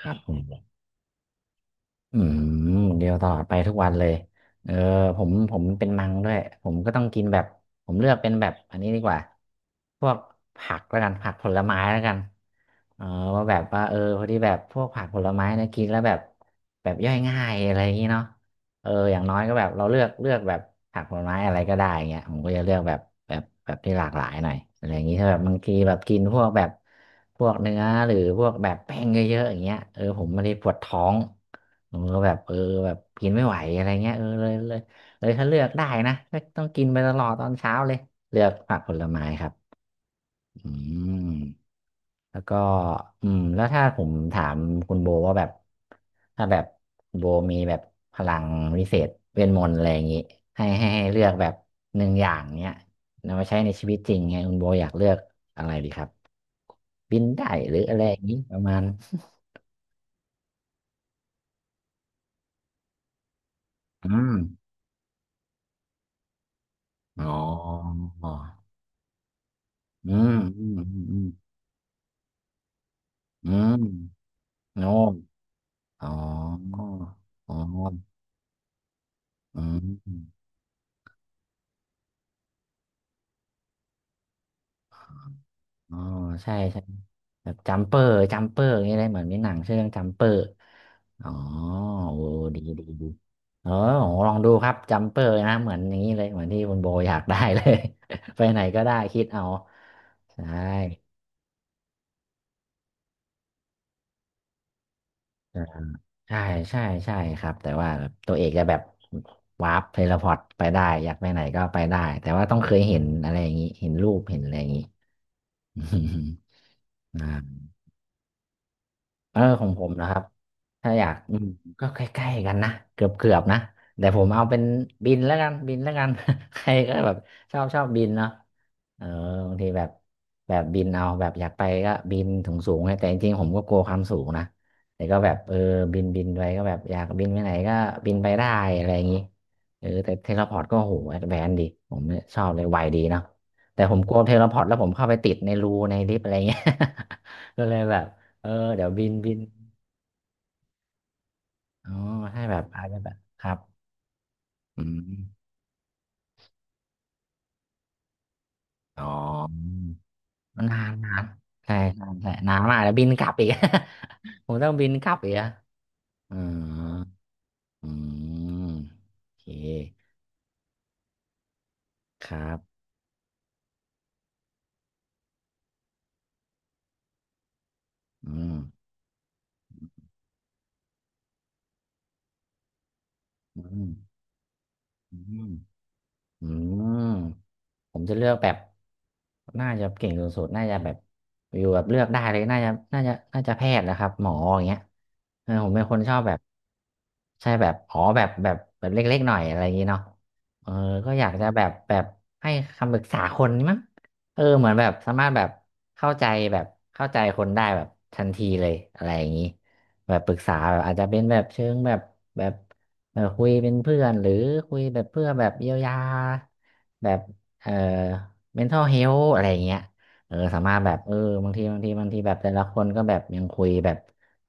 ครับผมอืมเดียวตลอดไปทุกวันเลยเออผมเป็นมังด้วยผมก็ต้องกินแบบผมเลือกเป็นแบบอันนี้ดีกว่าพวกผักแล้วกันผักผลไม้แล้วกันเออว่าแบบว่าพอดีแบบพวกผักผลไม้นะกินแล้วแบบแบบย่อยง่ายอะไรอย่างนี้เนาะ เอออย่างน้อยก็แบบเราเลือกแบบผักผลไม้อะไรก็ได้เงี้ยผมก็จะเลือกแบบแบบที่หลากหลายหน่อยอะไรอย่างงี้ถ้าแบบบางทีแบบกินพวกแบบพวกเนื้อหรือพวกแบบแป้งเยอะๆอย่างเงี้ยเออผมไม่ได้ปวดท้องผมก็แบบเออแบบกินไม่ไหวอะไรเงี้ยเออเลยถ้าเลือกได้นะก็ต้องกินไปตลอดตอนเช้าเลยเลือกผักผลไม้ครับอืม แล้วก็อืมแล้วถ้าผมถามคุณโบว่าแบบถ้าแบบโบมีแบบพลังวิเศษเวทมนต์อะไรอย่างงี้ให้เลือกแบบหนึ่งอย่างเนี้ยนำมาใช้ในชีวิตจริงไงคุณโบอยากเลือกอะไรดีครับบินได้หรืออะไรอย่างนี้ประมาณอืมอ๋ออืมอืมอืมอืมอืมโน่อ๋ออ๋ออืม อ๋อใช่ใช่แบบจัมเปอร์อย่างเงี้ยเลยเหมือนมีหนังชื่อเรื่องจัมเปอร์อ๋อโอ้ดีเออโหลองดูครับจัมเปอร์นะเหมือนอย่างนี้เลยเหมือนที่คุณโบอยากได้เลย ไปไหนก็ได้คิดเอาใช่ใช่ใช่ใช่ครับแต่ว่าแบบตัวเอกจะแบบวาร์ปเทเลพอร์ตไปได้อยากไปไหนก็ไปได้แต่ว่าต้องเคยเห็นอะไรอย่างนี้เห็นรูปเห็นอะไรอย่างนี้ อ่า เออของผมนะครับถ้าอยากอืมก็ใกล้ๆกันนะเกือบนะแต่ผมเอาเป็นบินแล้วกัน ใครก็แบบชอบบินเนาะเออบางทีแบบแบบบินเอาแบบอยากไปก็บินถึงสูงๆไงแต่จริงๆผมก็กลัวความสูงนะแต่ก็แบบเออบินไปก็แบบอยากบินไปไหนก็บินไปได้อะไรอย่างนี้เออแต่เทเลพอร์ตก็โหแอดแวนซ์ดีผมชอบเลยไวดีเนาะแต่ผมกลัวเทเลพอร์ตแล้วผมเข้าไปติดในรูในลิฟต์อะไรเงี้ย ก็เลยแบบ เออเดี๋ยวบินอ๋อให้แบบอาจจะแบบครับอืมอ๋อนานนานใช่นานมากแล้วบินกลับอีก ผมต้องบินกลับอีกอะอ๋ออืมโอเคครับอืมอืมอืมอืม ผมจะเลือกแบบน่าจะเก่งสุดๆน่าจะแบบอยู่แบบเลือกได้เลยน่าจะแพทย์นะครับหมออย่างเงี้ยเออผมเป็นคนชอบแบบใช่แบบอ๋อแบบเล็กๆหน่อยอะไรอย่างงี้เนาะเออก็อยากจะแบบแบบให้คำปรึกษาคนมั้งเออเหมือนแบบสามารถแบบเข้าใจแบบเข้าใจคนได้แบบทันทีเลยอะไรอย่างงี้แบบปรึกษาแบบอาจจะเป็นแบบเชิงแบบแบบเออคุยเป็นเพื่อนหรือคุยแบบเพื่อแบบเยียวยาแบบ เอ่อ mental health อะไรอย่างเงี้ยเออสามารถแบบเออบางทีแบบแต่ละคนก็แบบยังคุยแบบ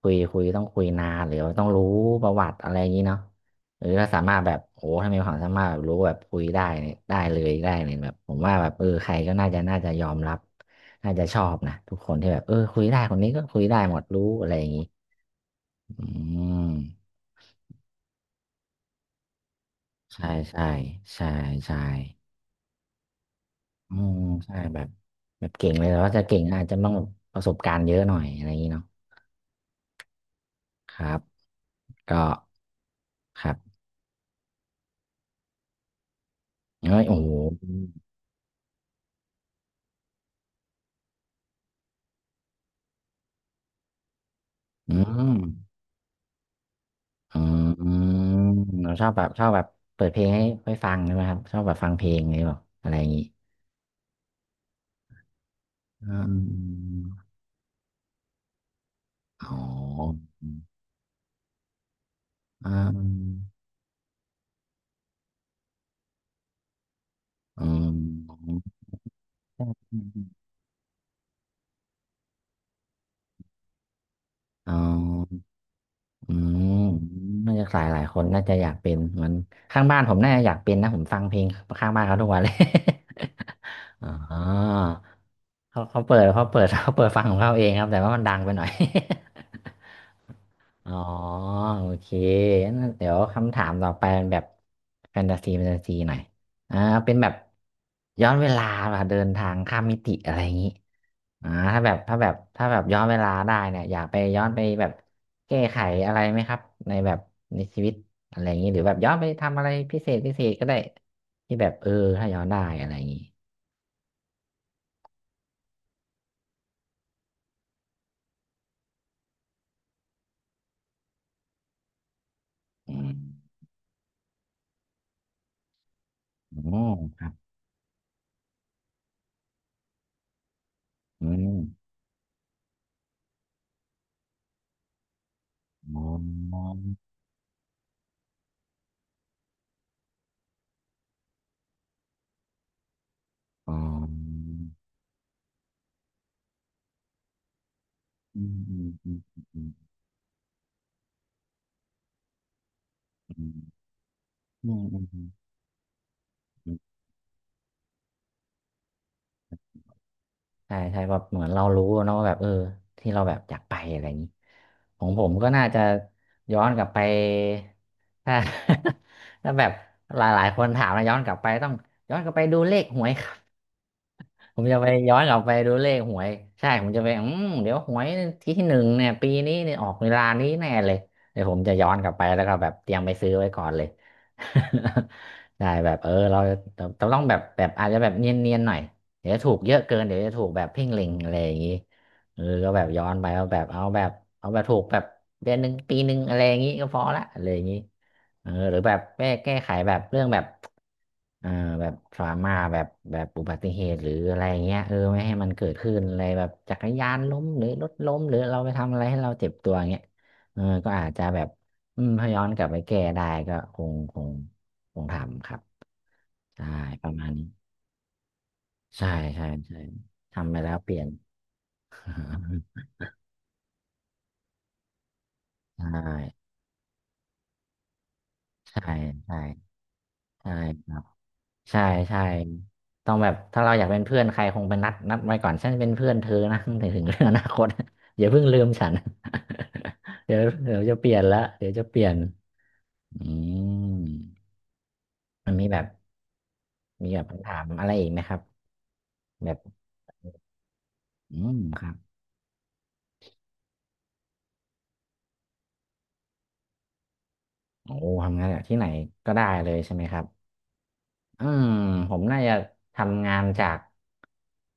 คุยต้องคุยนานหรือว่าต้องรู้ประวัติอะไรอย่างนี้เนาะหรือถ้าสามารถแบบโอ้ถ้ามีความสามารถแบบรู้แบบคุยได้เนี่ยได้เลยแบบผมว่าแบบเออใครก็น่าจะยอมรับน่าจะชอบนะทุกคนที่แบบเออคุยได้คนนี้ก็คุยได้หมดรู้อะไรอย่างนี้อืมใช่ใช่ใช่ใช่ อืมใช่แบบแบบเก่งเลยแต่ว่าจะเก่งอาจจะต้องประสบการณ์เยอะหน่อยอะไรอย่างนี้เนาะครับก็ครับเอ้ยโอ้โหอืมอืมเราชอบแบบชอบแบบเปิดเพลงให้ฟังใช่ไหมครับชอบแบบฟังเพลงอะไรแบบอะไรอย่างนี้อืมอ๋ออืมอืมอืมอ๋อ อืมน่าจะหลายคนน่าจะอยากเป็นเหมือนข้างบ้านผมน่าจะอยากเป็นนะผมฟังเพลงข้างบ้านเขาทุกวันเลย อ๋อเขาเปิด เขาเปิดฟังของเขาเองครับแต่ว่ามันดังไปหน่อย อ๋อโอเคงั้นเดี๋ยวคำถามต่อไปเป็นแบบแฟนตาซีหน่อยอ่าเป็นแบบย้อนเวลาแบบเดินทางข้ามมิติอะไรอย่างนี้ ถ้าแบบย้อนเวลาได้เนี่ยอยากไปย้อนไปแบบแก้ไขอะไรไหมครับในแบบในชีวิตอะไรอย่างนี้หรือแบบย้อนไปทำอะไรพิเศษพิเศษก็ได้ที่แบบเออถ้าย้อนได้อะไรอย่างนี้อืมอ๋อครับอืมอ๋ออ๋ออืมอืมอืมอืมอืมอืมอืม ใช่ใช่แบบเหมือนเรารู้เนอะว่าแบบเออที่เราแบบอยากไปอะไรอย่างนี้ของผมก็น่าจะย้อนกลับไปถ้า ถ้าแบบหลายๆคนถามนะย้อนกลับไปต้องย้อนกลับไปดูเลขหวย ผมจะไปย้อนกลับไปดูเลขหวยใช่ผมจะไปเดี๋ยวหวยที่หนึ่งเนี่ยปีนี้เนี่ยออกเวลานี้แน่เลยเดี๋ยวผมจะย้อนกลับไปแล้วก็แบบเตรียมไปซื้อไว้ก่อนเลย ใช่แบบเออเราเราต้องแบบแบบอาจจะแบบเนียนๆหน่อยเดี๋ยวถูกเยอะเกินเดี๋ยวจะถูกแบบเพ่งเล็งอะไรอย่างนี้เออก็แบบย้อนไปเอาแบบถูกแบบเดือนหนึ่งปีหนึ่งอะไรอย่างนี้ก็พอละอะไรอย่างนี้ เออหรือแบบแก้ไขแบบเรื่องแบบเอ่อแบบทรามาแบบแบบอุบัติเหตุหรืออะไรเงี้ยเออไม่ให้มันเกิดขึ้นอะไรแบบจักรยานล้มหรือรถล้มหรือเราไปทำอะไรให้เราเจ็บตัวเงี้ยเออก็อาจจะแบบอืมถ้าย้อนกลับไปแก้ได้ก็คงทำครับใช่ประมาณนี้ใช่ใช่ใช่ทำไปแล้วเปลี่ยน ใช่ใช่ใช่ใช่ ใช่ใช่ต้องแบบถ้าเราอยากเป็นเพื่อนใครคงไปนัดนัดไว้ก่อนฉันเป็นเพื่อนเธอนะ ถึงถึงเรื่องอนาคต อย่าเพิ่งลืมฉัน เดี๋ยวเดี๋ยวจะเปลี่ยนละเดี๋ยวจะเปลี่ยนอืมมันมีแบบคำถามอะไรอีกไหมครับแบบอืมครับโอ้ทำงานแบบที่ไหนก็ได้เลยใช่ไหมครับ อืมผมน่าจะทำงานจาก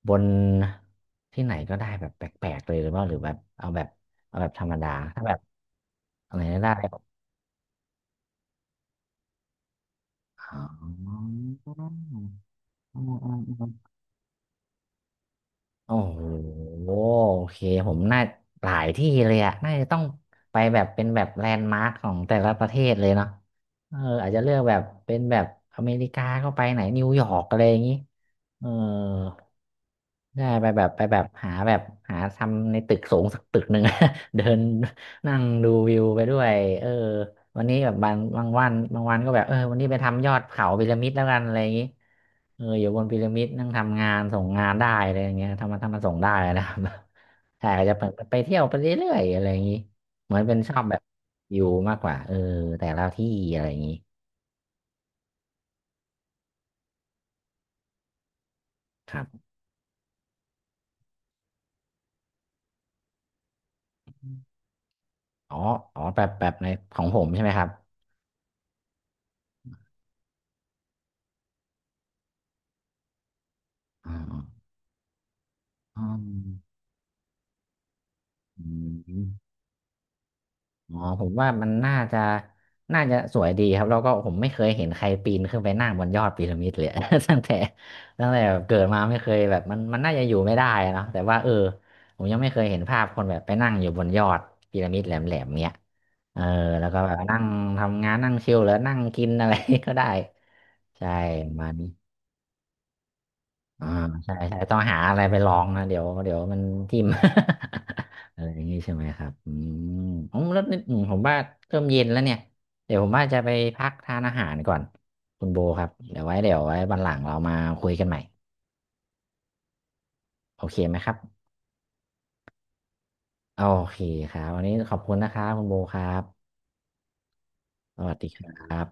บนที่ไหนก็ได้แบบแปลกๆเลยหรือว่าหรือแบบเอาแบบธรรมดาถ้าแบบอะไรก็ได้แบบอ๋ออืมอืมอืมโอ้โหโอเคผมน่าหลายที่เลยอะน่าจะต้องไปแบบเป็นแบบแลนด์มาร์คของแต่ละประเทศเลยเนาะเอออาจจะเลือกแบบเป็นแบบอเมริกาก็ไปไหนนิวยอร์กอะไรอย่างนี้เออ ใช่ไปแบบไปแบบหาแบบหาทำในตึกสูงสักตึกหนึ่ง เดินนั่งดูวิวไปด้วยเออวันนี้แบบบางบางวันบางวันก็แบบเออวันนี้ไปทำยอดเขาพีระมิดแล้วกันอะไรอย่างนี้เอออยู่บนพีระมิดนั่งทำงานส่งงานได้อะไรอย่างเงี้ยทำมาทำมาส่งได้นะครับ ใช่ก็จะไปไปเที่ยวไปเรื่อยๆอะไรอย่างนี้เหมือนเป็นชอบแบบอยู่มากกว่าเออแต่ละที่อะไรอย่างนี้ครับอ๋ออ๋อแบบแบบในของผมใช่ไหมครับอ๋ออ๋ออืม อ๋อผมว่ามันน่าจะสวยดีครับแล้วก็ผมไม่เคยเห็นใครปีนขึ้นไปนั่งบนยอดพีระมิดเลย ตั้งแต่ตั้งแต่แบบเกิดมาไม่เคยแบบมันน่าจะอยู่ไม่ได้เนอะแต่ว่าเออผมยังไม่เคยเห็นภาพคนแบบไปนั่งอยู่บนยอดพีระมิดแหลมๆเนี้ยเออแล้วก็แบบนั่งทำงานนั่งชิลหรือนั่งกินอะไร ก็ได้ใช่ประมาณนี้ อ่าใช่ใช่ต้องหาอะไรไปลองนะเดี๋ยวเดี๋ยวมันทิ่ม อะไรอย่างงี้ใช่ไหมครับอืมอ๋อแล้วนี่อืมผมว่าเริ่มเย็นแล้วเนี่ยเดี๋ยวผมว่าจะไปพักทานอาหารก่อนคุณโบครับเดี๋ยวไว้วันหลังเรามาคุยกันใหม่โอเคไหมครับโอเคครับวันนี้ขอบคุณนะครับคุณโบครับสวัสดีครับ